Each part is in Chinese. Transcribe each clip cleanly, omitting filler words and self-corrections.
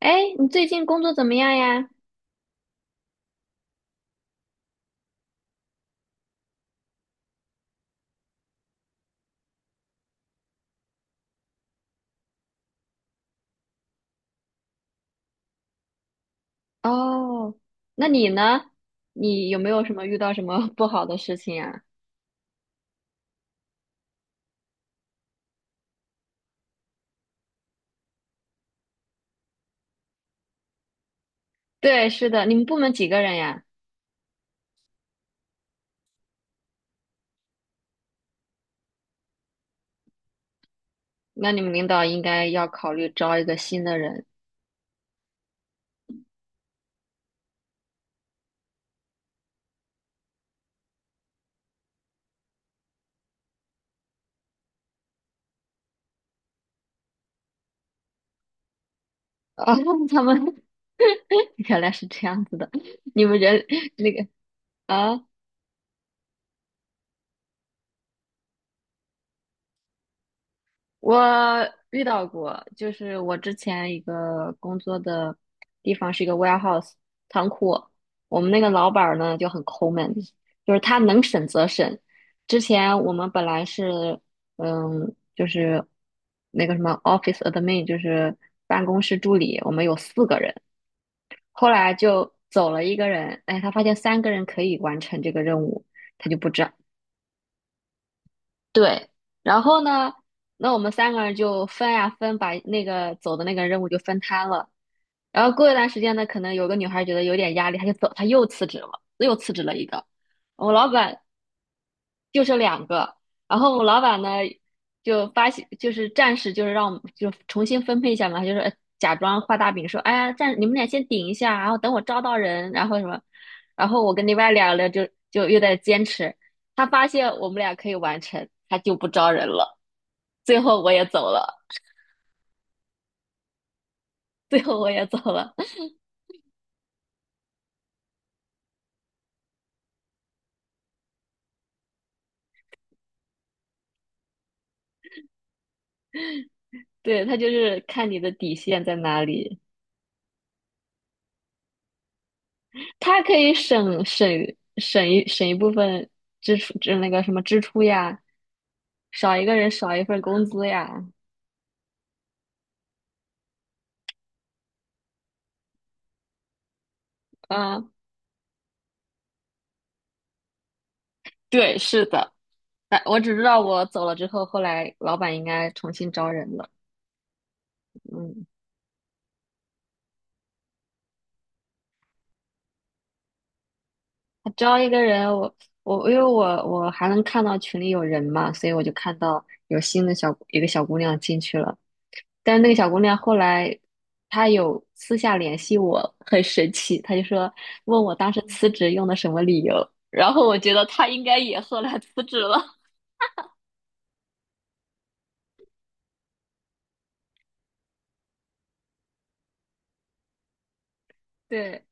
哎，你最近工作怎么样呀？哦，那你呢？你有没有什么遇到什么 不好的事情呀？对，是的，你们部门几个人呀？那你们领导应该要考虑招一个新的人。哦，他们 原来是这样子的，你们人 那个啊。我遇到过，就是我之前一个工作的地方是一个 warehouse 仓库，我们那个老板儿呢就很抠门，就是他能审则审。之前我们本来是，就是那个什么 office admin，就是办公室助理，我们有4个人。后来就走了一个人，哎，他发现三个人可以完成这个任务，他就不招。对，然后呢，那我们三个人就分呀分，把那个走的那个任务就分摊了。然后过一段时间呢，可能有个女孩觉得有点压力，她就走，她又辞职了，又辞职了一个。我们老板，就剩两个，然后我们老板呢就发现，就是暂时就是让我们就重新分配一下嘛，他就是假装画大饼说，哎呀，暂你们俩先顶一下，然后等我招到人，然后什么。然后我跟另外2个人就又在坚持，他发现我们俩可以完成，他就不招人了。最后我也走了，最后我也走了。对，他就是看你的底线在哪里，他可以省一部分支出，就那个什么支出呀，少一个人少一份工资呀。嗯，对，是的。哎，我只知道我走了之后，后来老板应该重新招人了。嗯，他招一个人。因为我还能看到群里有人嘛，所以我就看到有新的一个小姑娘进去了。但是那个小姑娘后来，她有私下联系我，很神奇，她就说问我当时辞职用的什么理由，然后我觉得她应该也后来辞职了。对，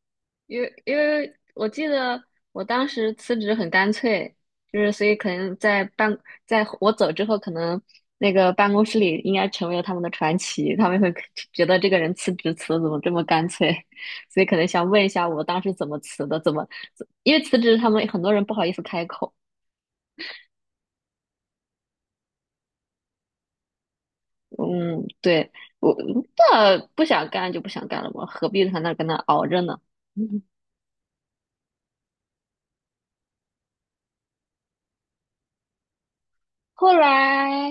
因为我记得我当时辞职很干脆，就是所以可能在我走之后，可能那个办公室里应该成为了他们的传奇，他们会觉得这个人辞职辞的怎么这么干脆。所以可能想问一下我当时怎么辞的，怎么，因为辞职他们很多人不好意思开口。嗯，对，我那不想干就不想干了嘛，何必在那跟那熬着呢？后来，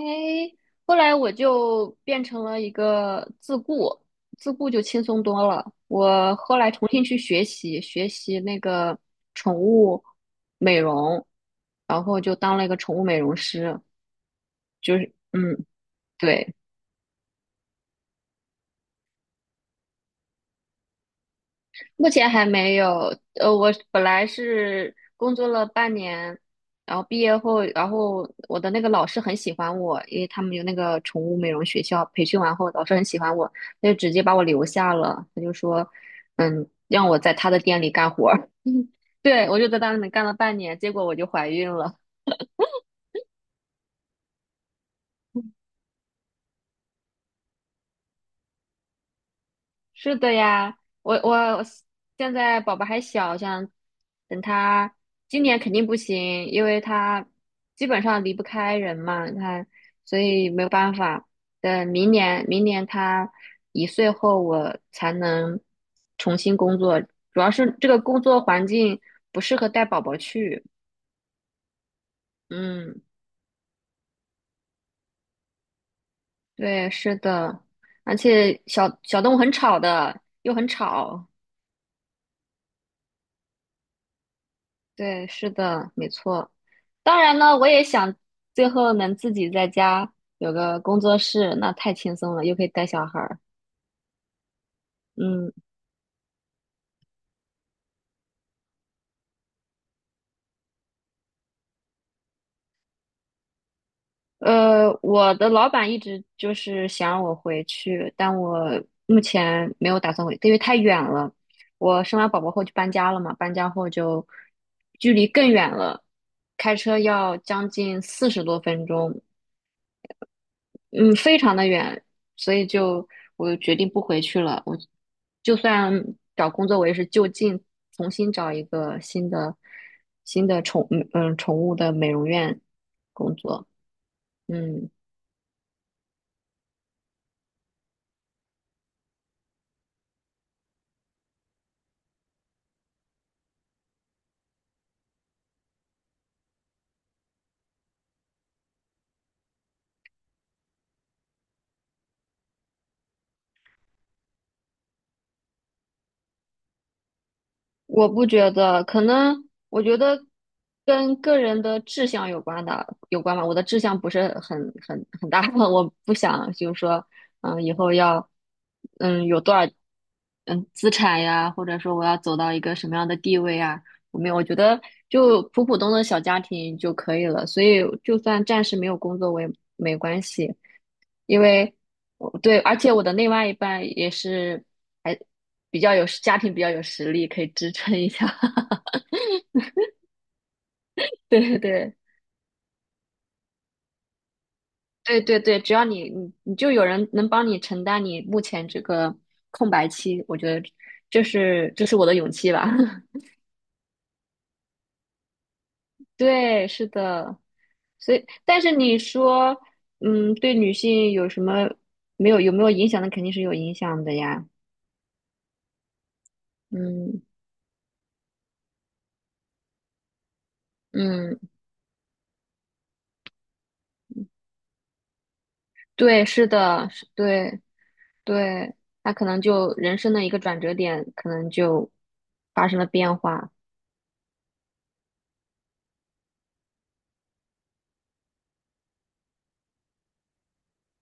后来我就变成了一个自雇，自雇就轻松多了。我后来重新去学习，学习那个宠物美容，然后就当了一个宠物美容师，就是嗯，对。目前还没有，我本来是工作了半年。然后毕业后，然后我的那个老师很喜欢我，因为他们有那个宠物美容学校，培训完后老师很喜欢我，他就直接把我留下了，他就说，让我在他的店里干活儿。对，我就在他那里干了半年，结果我就怀孕了。是的呀，我现在宝宝还小，想等他今年肯定不行，因为他基本上离不开人嘛，他所以没有办法。等明年，明年他1岁后，我才能重新工作。主要是这个工作环境不适合带宝宝去。嗯，对，是的，而且小小动物很吵的，又很吵。对，是的，没错。当然呢，我也想最后能自己在家有个工作室，那太轻松了，又可以带小孩儿。嗯，我的老板一直就是想让我回去，但我目前没有打算回，因为太远了。我生完宝宝后就搬家了嘛，搬家后就距离更远了，开车要将近40多分钟。嗯，非常的远，所以就我决定不回去了。我就算找工作，我也是就近重新找一个新的新的宠嗯嗯宠物的美容院工作。嗯。我不觉得，可能我觉得跟个人的志向有关的，有关吧。我的志向不是很大。我不想就是说，以后要，有多少，资产呀，或者说我要走到一个什么样的地位啊，我没有，我觉得就普普通的小家庭就可以了。所以就算暂时没有工作，我也没关系。因为我对，而且我的另外一半也是。比较有家庭比较有实力，可以支撑一下。对对对对对对，只要你就有人能帮你承担你目前这个空白期，我觉得这是我的勇气吧。对，是的。所以，但是你说，对女性有没有影响？那肯定是有影响的呀。嗯嗯，对，是的，是，对对，那可能就人生的一个转折点，可能就发生了变化。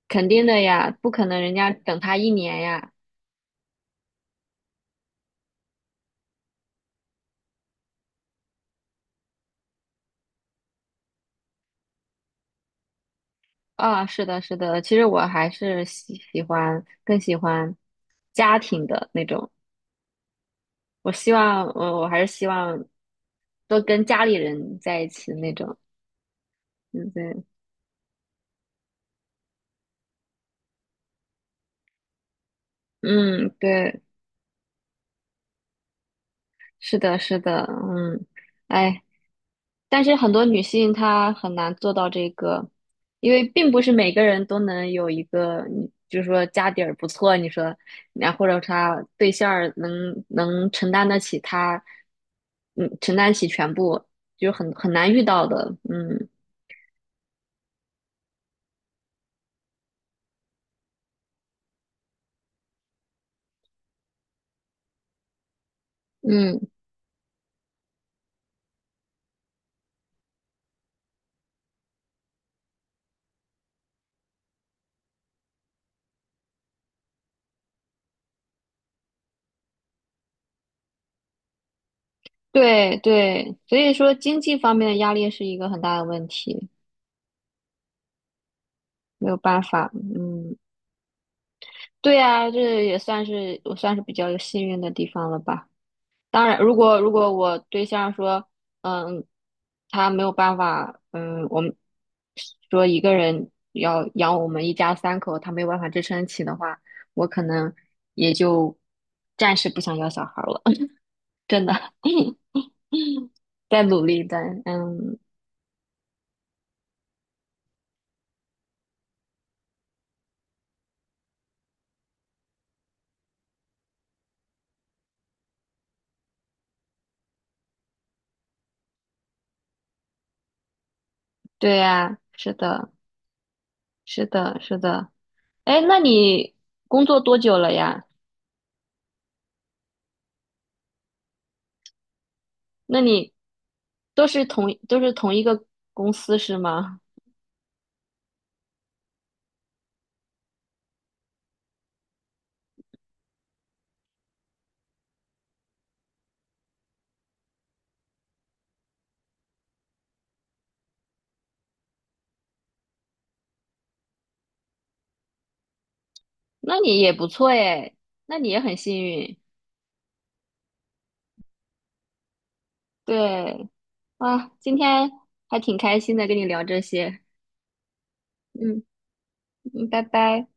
肯定的呀，不可能人家等他一年呀。啊，是的，是的，其实我还是喜欢更喜欢家庭的那种。我还是希望多跟家里人在一起那种。嗯，对，嗯，对。是的，是的，嗯，哎，但是很多女性她很难做到这个，因为并不是每个人都能有一个，你就是说家底儿不错，你说，然后或者她对象儿能承担得起她，嗯，承担起全部，就是很难遇到的，嗯嗯，对对，所以说经济方面的压力是一个很大的问题，没有办法，嗯。对啊，这也算是我算是比较幸运的地方了吧。当然，如果我对象说，嗯，他没有办法，我们说一个人要养我们一家三口，他没有办法支撑起的话，我可能也就暂时不想要小孩了。真的。在努力的，嗯，对呀，是的，是的，是的。哎，那你工作多久了呀？那你都是同一个公司是吗？那你也不错诶，那你也很幸运。对啊，今天还挺开心的，跟你聊这些。嗯嗯，拜拜。